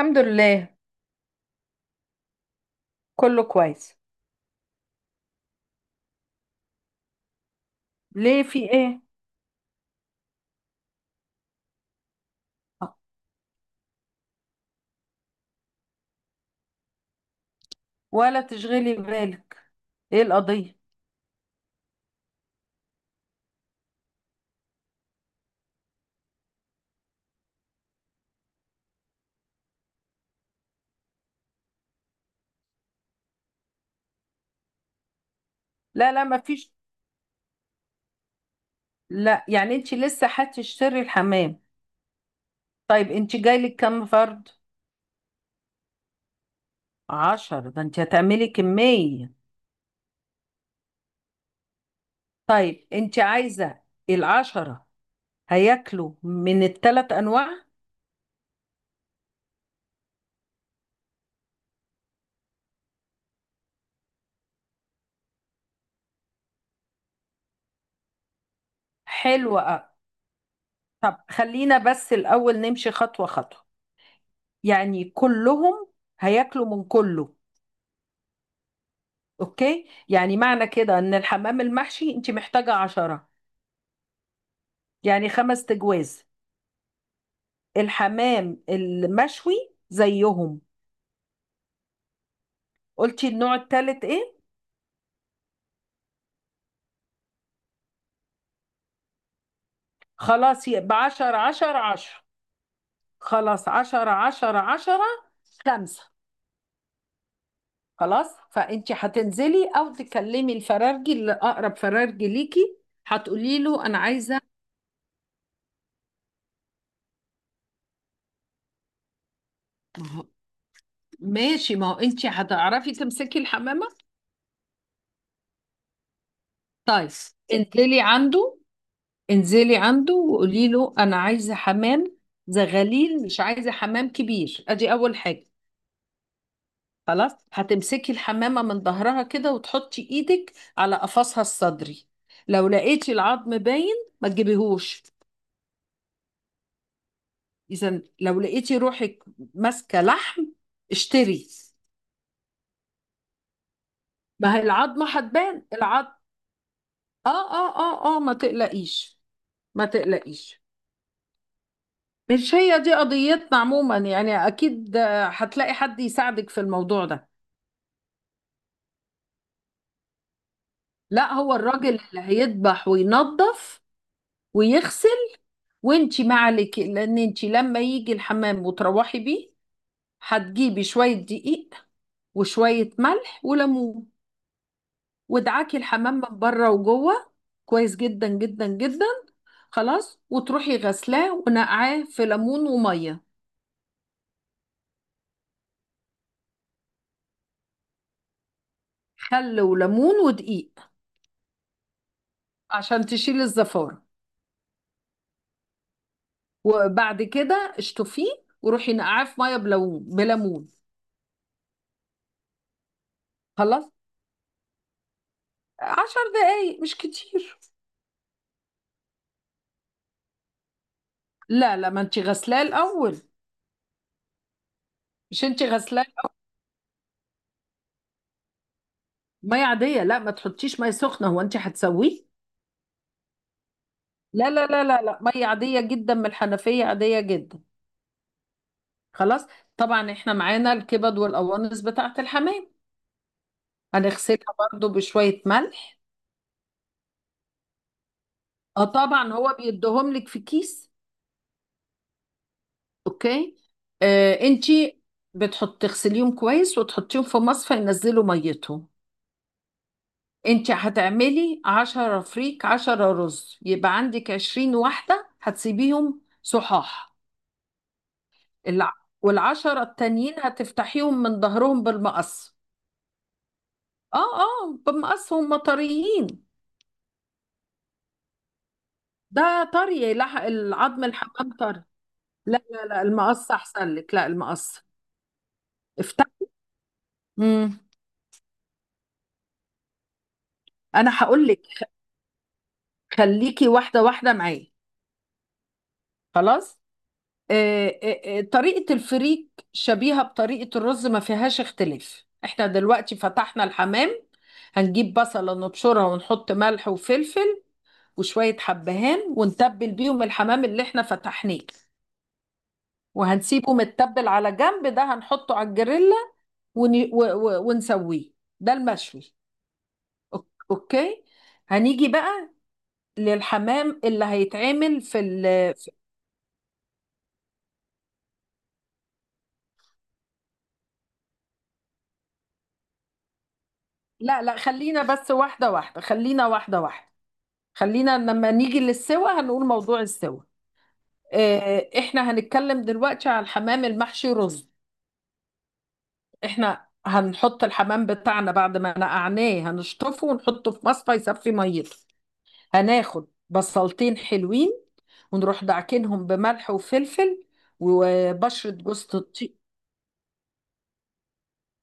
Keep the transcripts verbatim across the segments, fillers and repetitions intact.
الحمد لله. كله كويس. ليه، في ايه؟ ولا تشغلي بالك. ايه القضية؟ لا لا، ما فيش. لا، يعني انت لسه هتشتري الحمام؟ طيب، انت جايلك كام فرد؟ عشرة؟ ده انت هتعملي كمية. طيب، انت عايزة العشرة هياكلوا من الثلاث انواع؟ حلوة أوي. طب خلينا بس الاول نمشي خطوة خطوة. يعني كلهم هياكلوا من كله؟ اوكي، يعني معنى كده ان الحمام المحشي انت محتاجة عشرة، يعني خمس تجواز. الحمام المشوي زيهم. قلتي النوع التالت ايه؟ خلاص، يبقى عشرة عشرة عشرة. خلاص عشرة عشرة عشرة، خمسة. خلاص، فانت هتنزلي او تكلمي الفرارجي اللي اقرب فرارجي ليكي. هتقولي له انا عايزة. ما هو- ماشي، ما هو انت هتعرفي تمسكي الحمامة. طيب انزلي عنده. انزلي عنده وقولي له انا عايزه حمام زغاليل، مش عايزه حمام كبير. ادي اول حاجه. خلاص هتمسكي الحمامه من ظهرها كده وتحطي ايدك على قفصها الصدري. لو لقيتي العظم باين، ما تجيبيهوش. اذا لو لقيتي روحك ماسكه لحم، اشتري. ما هي العظمه هتبان العظم. اه اه اه اه، ما تقلقيش، ما تقلقيش. مش هي دي قضيتنا عموما. يعني اكيد آه، هتلاقي حد يساعدك في الموضوع ده. لا، هو الراجل اللي هيذبح وينظف ويغسل. وانتي ما عليك، لان انتي لما يجي الحمام وتروحي بيه هتجيبي شوية دقيق وشوية ملح وليمون، وادعكي الحمام من بره وجوه كويس جدا جدا جدا. خلاص، وتروحي غسلاه ونقعاه في ليمون ومية. خل وليمون ودقيق عشان تشيل الزفارة. وبعد كده اشطفيه، وروحي نقعاه في مية بليمون بليمون. خلاص، عشر دقايق، مش كتير. لا لا، ما انت غسلاه الاول. مش انت غسلاه؟ ميه عاديه، لا ما تحطيش ميه سخنه، هو انت هتسويه. لا لا لا لا لا، ميه عاديه جدا من الحنفيه، عاديه جدا. خلاص. طبعا احنا معانا الكبد والقوانص بتاعه الحمام. هنغسلها برضو بشويه ملح. اه طبعا، هو بيديهم لك في كيس. اوكي. آه انت بتحط تغسليهم كويس وتحطيهم في مصفى ينزلوا ميتهم. انت هتعملي عشرة فريك عشرة رز، يبقى عندك عشرين واحدة هتسيبيهم صحاح. الع... والعشرة التانيين هتفتحيهم من ظهرهم بالمقص. اه اه، بالمقص، هم طريين. ده طري، لا العظم الحمام طري. لا لا لا، المقص احسن لك، لا المقص. افتح. مم. انا هقول لك، خليكي واحدة واحدة معايا. خلاص. آه، آه، آه، طريقة الفريك شبيهة بطريقة الرز، ما فيهاش اختلاف. احنا دلوقتي فتحنا الحمام، هنجيب بصلة نبشرها ونحط ملح وفلفل وشوية حبهان ونتبل بيهم الحمام اللي احنا فتحناه. وهنسيبه متبل على جنب، ده هنحطه على الجريلا ون... و... و... ونسويه، ده المشوي. أوك- اوكي، هنيجي بقى للحمام اللي هيتعمل في ال... في- لا لا، خلينا بس واحدة واحدة، خلينا واحدة واحدة. خلينا لما نيجي للسوا هنقول موضوع السوا. آه، احنا هنتكلم دلوقتي على الحمام المحشي رز. احنا هنحط الحمام بتاعنا بعد ما نقعناه، هنشطفه ونحطه في مصفى يصفي ميته. هناخد بصلتين حلوين، ونروح دعكنهم بملح وفلفل وبشرة جوز الطيب.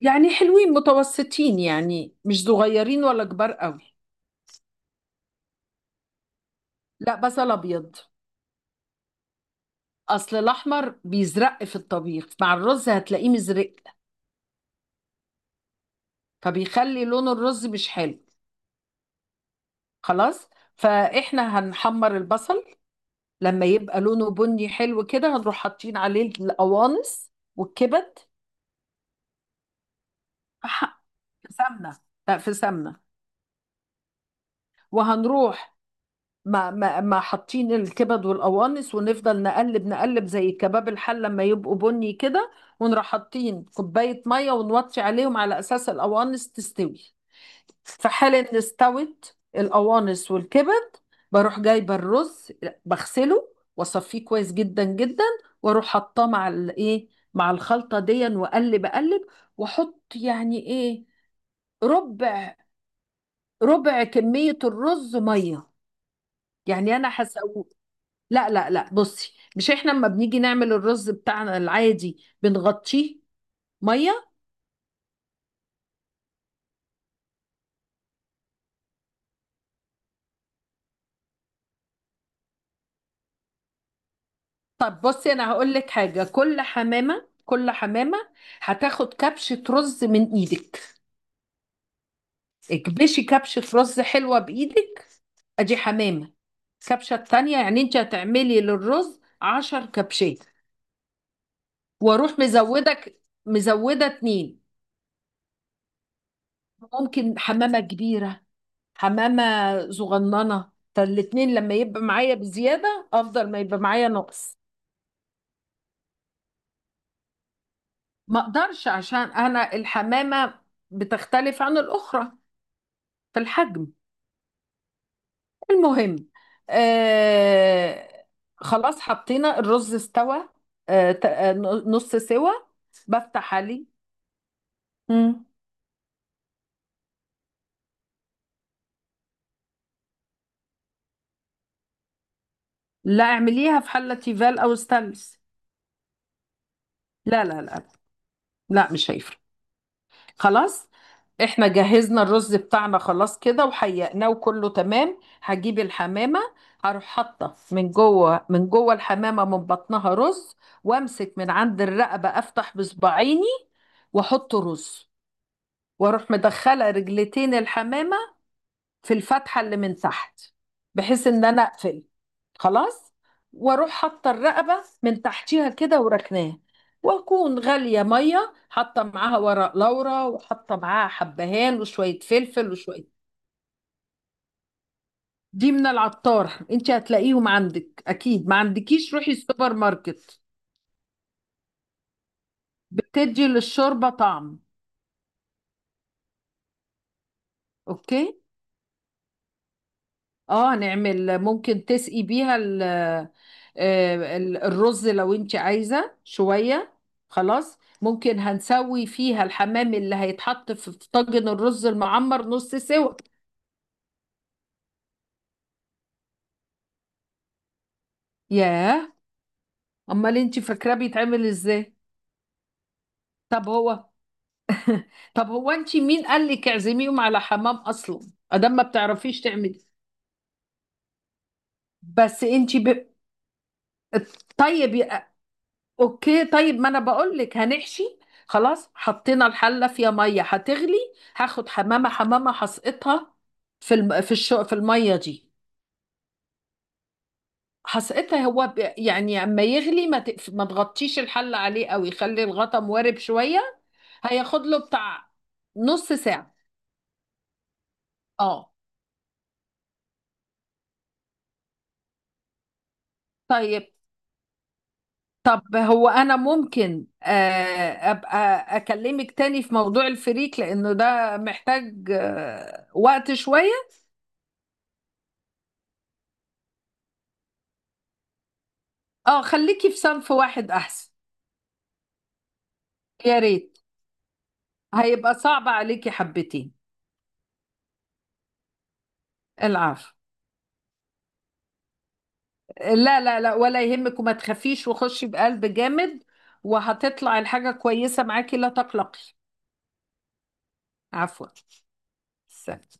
يعني حلوين متوسطين، يعني مش صغيرين ولا كبار قوي. لا، بصل ابيض. اصل الاحمر بيزرق في الطبيخ مع الرز، هتلاقيه مزرق، فبيخلي لون الرز مش حلو. خلاص، فاحنا هنحمر البصل، لما يبقى لونه بني حلو كده هنروح حاطين عليه القوانص والكبد. في ح- في سمنه، لا في سمنه. وهنروح ما ما ما حاطين الكبد والقوانص ونفضل نقلب نقلب زي كباب الحل لما يبقوا بني كده، ونروح حاطين كوبايه ميه ونوطي عليهم على اساس القوانص تستوي. في حال ان استوت القوانص والكبد، بروح جايبه الرز، بغسله واصفيه كويس جدا جدا، واروح حطاه مع الايه، مع الخلطه دي، واقلب اقلب، واحط يعني ايه، ربع ربع كميه الرز ميه. يعني انا هسويه. لا لا لا، بصي، مش احنا لما بنيجي نعمل الرز بتاعنا العادي بنغطيه ميه؟ طب بصي، انا هقول لك حاجه، كل حمامه كل حمامه هتاخد كبشه رز من ايدك. اكبشي كبشة رز حلوة بإيدك، أدي حمامة. الكبشة التانية، يعني أنت هتعملي للرز عشر كبشات. وأروح مزودك، مزودة اتنين. ممكن حمامة كبيرة، حمامة صغننة، فالاتنين لما يبقى معايا بزيادة أفضل ما يبقى معايا نقص. ما أقدرش عشان أنا الحمامة بتختلف عن الأخرى في الحجم. المهم، آه خلاص حطينا الرز استوى. آه ت- آه، نص سوا. بفتح عليه. مم. لا، اعمليها في حلة تيفال او ستانلس. لا لا لا لا، مش هيفرق. خلاص، احنا جهزنا الرز بتاعنا خلاص كده وحيقناه وكله تمام، هجيب الحمامة. هروح حاطة من جوه من جوه الحمامة من بطنها رز، وامسك من عند الرقبة، افتح بصباعيني واحط رز. واروح مدخله رجلتين الحمامه في الفتحه اللي من تحت، بحيث ان انا اقفل. خلاص. واروح حاطه الرقبه من تحتيها كده وراكناها، واكون غاليه ميه حاطه معاها ورق لورا وحاطه معاها حبهان وشويه فلفل وشويه. دي من العطار، انت هتلاقيهم عندك اكيد، ما عندكيش روحي السوبر ماركت. بتدي للشوربه طعم. اوكي. اه نعمل، ممكن تسقي بيها ال- آه، ال- الرز لو انت عايزة شوية. خلاص، ممكن هنسوي فيها الحمام اللي هيتحط في في طاجن الرز المعمر، نص سوا. ياه، امال انت فاكراه بيتعمل ازاي؟ طب هو طب هو انت مين قال لك اعزميهم على حمام اصلا؟ ادام ما بتعرفيش تعملي. بس انت ب... طيب. اوكي، طيب ما انا بقول لك هنحشي. خلاص حطينا الحله فيها ميه هتغلي. هاخد حمامه حمامه هسقطها في الم... في الشو... في الميه دي. هسقطها هو ب... يعني اما يغلي، ما, تقف... ما تغطيش الحله عليه قوي، خلي الغطا موارب شويه. هياخد له بتاع نص ساعه. اه. طيب، طب هو انا ممكن آه، ابقى اكلمك تاني في موضوع الفريك، لانه ده محتاج آه، وقت شويه. اه، خليكي في صنف واحد احسن. يا ريت. هيبقى صعب عليكي حبتين. العفو. لا لا لا، ولا يهمك، وما تخافيش، وخشي بقلب جامد، وهتطلع الحاجة كويسة معاكي، لا تقلقي. عفوا. سلام.